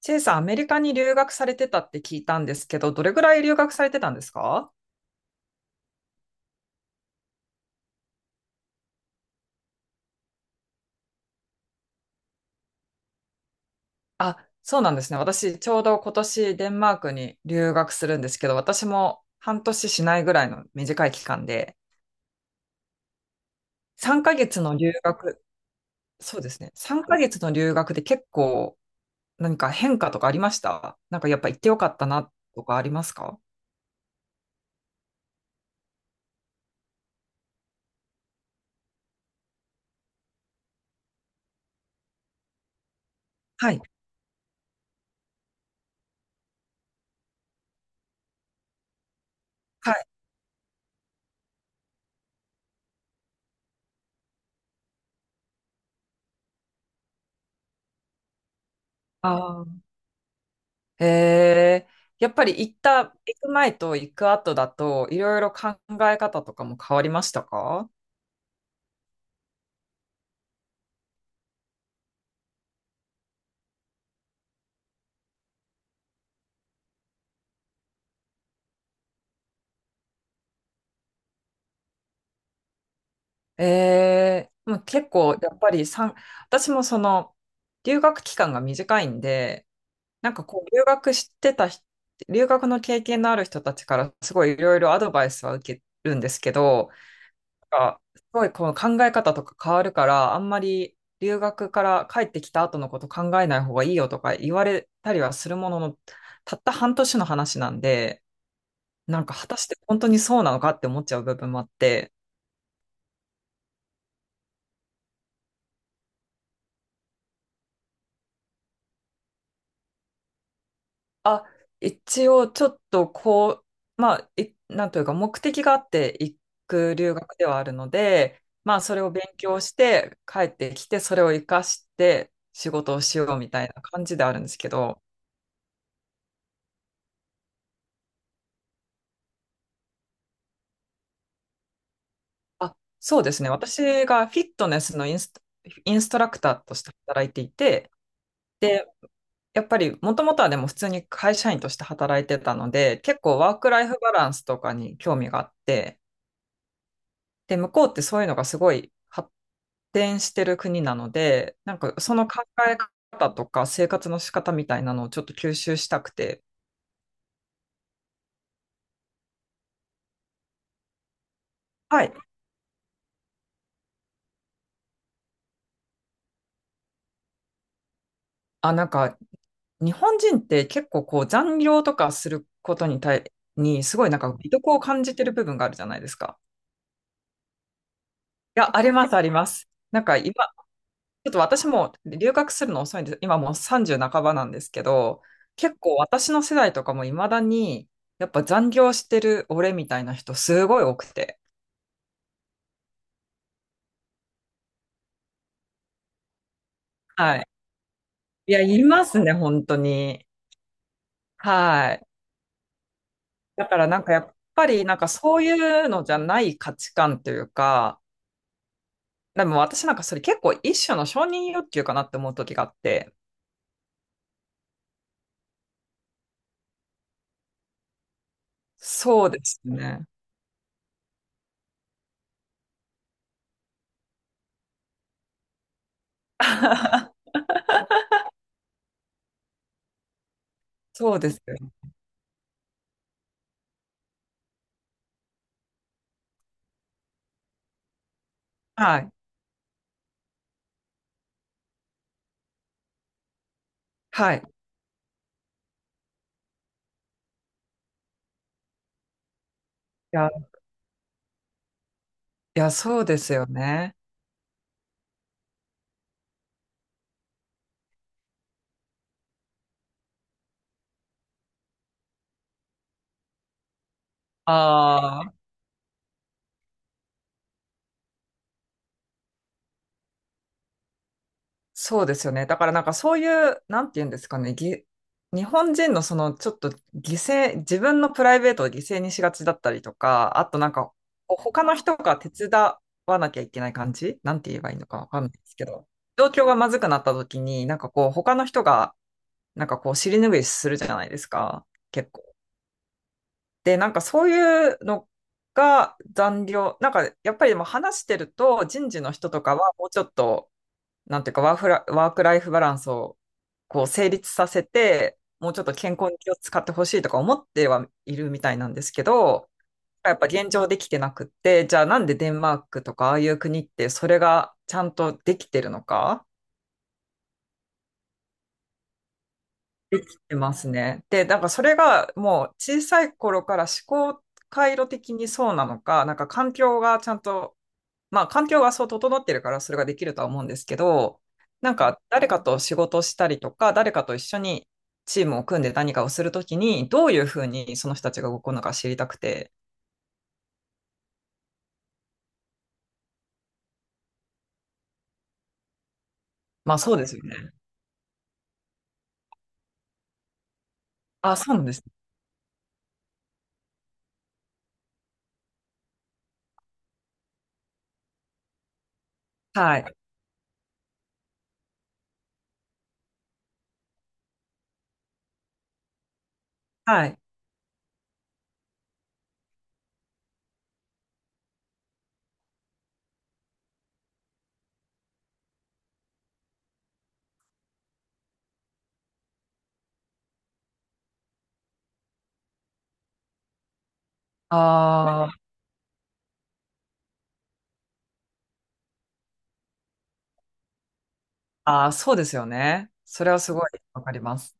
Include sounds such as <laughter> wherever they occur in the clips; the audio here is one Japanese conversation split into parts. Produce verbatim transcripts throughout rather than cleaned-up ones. チェイさん、アメリカに留学されてたって聞いたんですけど、どれぐらい留学されてたんですか？あ、そうなんですね。私、ちょうど今年デンマークに留学するんですけど、私も半年しないぐらいの短い期間で、さんかげつの留学、そうですね。さんかげつの留学で結構何か変化とかありました？なんかやっぱ行ってよかったなとかありますか？はい。はい。あ、へえ、やっぱり行った、行く前と行く後だと、いろいろ考え方とかも変わりましたか？ええ、もう結構、やっぱりさん、私もその、留学期間が短いんで、なんかこう、留学してた人、留学の経験のある人たちから、すごいいろいろアドバイスは受けるんですけど、か、すごいこの考え方とか変わるから、あんまり留学から帰ってきた後のこと考えない方がいいよとか言われたりはするものの、たった半年の話なんで、なんか果たして本当にそうなのかって思っちゃう部分もあって、あ、一応ちょっとこう、まあ、いなんというか目的があって行く留学ではあるので、まあそれを勉強して帰ってきて、それを活かして仕事をしようみたいな感じであるんですけど、あ、そうですね。私がフィットネスのインスト、インストラクターとして働いていて、で、やっぱりもともとはでも普通に会社員として働いてたので、結構ワークライフバランスとかに興味があって、で、向こうってそういうのがすごい発展してる国なので、なんかその考え方とか生活の仕方みたいなのをちょっと吸収したくて、はい。あ、なんか日本人って結構こう残業とかすることに対、にすごいなんか魅力を感じてる部分があるじゃないですか。いや、あります、あります。なんか今、ちょっと私も留学するの遅いんです。今もうさんじゅう半ばなんですけど、結構私の世代とかも未だに、やっぱ残業してる俺みたいな人すごい多くて。はい。いや、いますね、本当に。はい。だからなんかやっぱりなんかそういうのじゃない価値観というか、でも私なんかそれ結構一種の承認欲求かなって思う時があって、そうですね。<laughs> そうですよ。<laughs> はい。はい。いやいや、そうですよね。ああ、そうですよね。だからなんかそういう、なんて言うんですかね、ぎ、日本人のそのちょっと犠牲、自分のプライベートを犠牲にしがちだったりとか、あとなんかこう他の人が手伝わなきゃいけない感じなんて言えばいいのかわかんないですけど、状況がまずくなった時に、なんかこう他の人がなんかこう尻拭いするじゃないですか。結構で、なんかそういうのが残業、なんかやっぱりでも話してると人事の人とかはもうちょっと、なんていうかワーフラ、ワークライフバランスをこう成立させて、もうちょっと健康に気を使ってほしいとか思ってはいるみたいなんですけど、やっぱ現状できてなくって、じゃあなんでデンマークとかああいう国ってそれがちゃんとできてるのかってますね。で、なんかそれがもう小さい頃から思考回路的にそうなのか、なんか環境がちゃんとまあ、環境がそう整ってるからそれができるとは思うんですけど、なんか誰かと仕事をしたりとか、誰かと一緒にチームを組んで何かをするときに、どういうふうにその人たちが動くのか知りたくて。まあ、そうですよね。あ、そうなんです。はい。はい。あーあー、そうですよね。それはすごいわかります。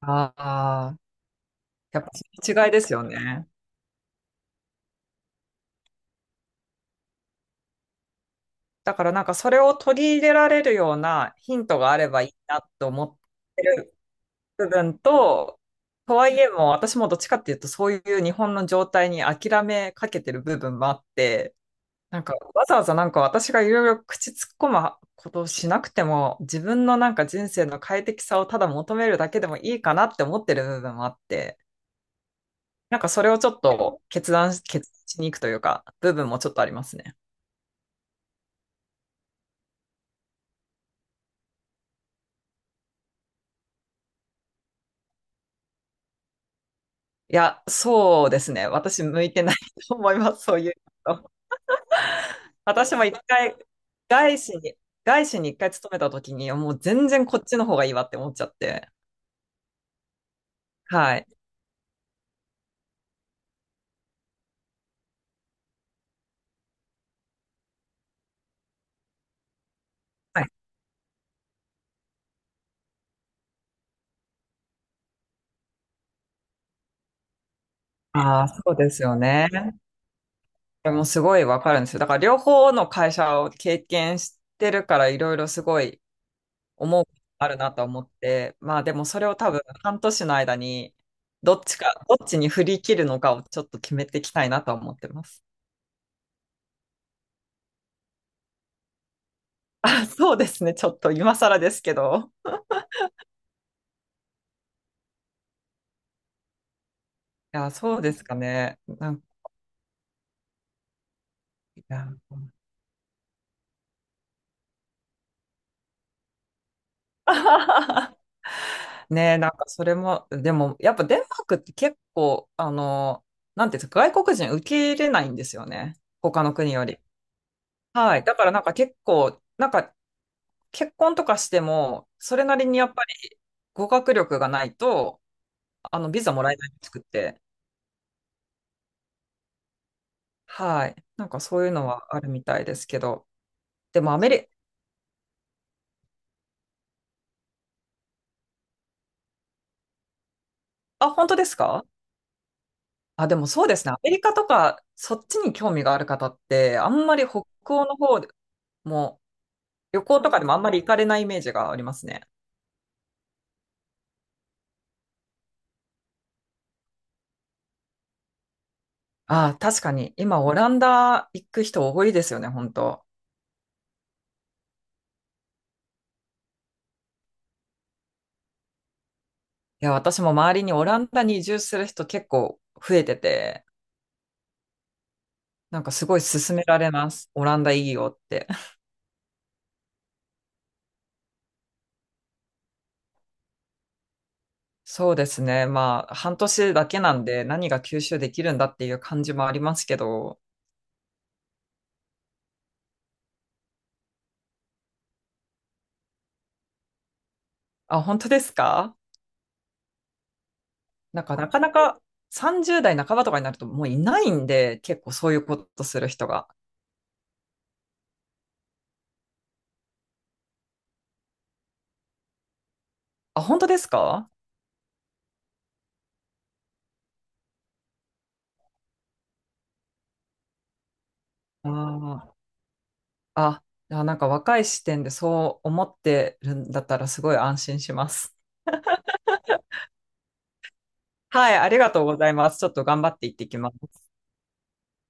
ああ、やっぱその違いですよね。だからなんかそれを取り入れられるようなヒントがあればいいなと思ってる部分と、とはいえも、私もどっちかっていうと、そういう日本の状態に諦めかけてる部分もあって、なんか、わざわざなんか私がいろいろ口突っ込むことをしなくても、自分のなんか人生の快適さをただ求めるだけでもいいかなって思ってる部分もあって、なんかそれをちょっと決断し、決断しに行くというか、部分もちょっとありますね。いや、そうですね。私向いてないと思います、そういうの。私も一回、外資に、外資に一回勤めた時に、もう全然こっちの方がいいわって思っちゃって。はい。はい。ああ、そうですよね。でもすごいわかるんですよ。だから両方の会社を経験してるから、いろいろすごい思うことあるなと思って、まあでもそれを多分半年の間に、どっちか、どっちに振り切るのかをちょっと決めていきたいなと思ってます。あ、そうですね。ちょっと今更ですけど。いや、そうですかね。なんか、いや <laughs> ねえ、なんかそれも、でも、やっぱデンマークって結構、あの、なんていうんですか、外国人受け入れないんですよね。他の国より。はい。だからなんか結構、なんか結婚とかしても、それなりにやっぱり語学力がないと、あの、ビザもらえないらしくって。はい。なんかそういうのはあるみたいですけど。でもアメリ、あ、本当ですか？あ、でもそうですね。アメリカとか、そっちに興味がある方って、あんまり北欧の方でも、旅行とかでもあんまり行かれないイメージがありますね。ああ、確かに。今、オランダ行く人多いですよね、本当。いや、私も周りにオランダに移住する人結構増えてて、なんかすごい勧められます。オランダいいよって。<laughs> そうですね。まあ、半年だけなんで何が吸収できるんだっていう感じもありますけど。あ、本当ですか？なんか、なかなかさんじゅう代半ばとかになるともういないんで、結構そういうことする人が。あ、本当ですか？ああー。あ、じゃあなんか若い視点でそう思ってるんだったらすごい安心します。はい、ありがとうございます。ちょっと頑張っていってきます。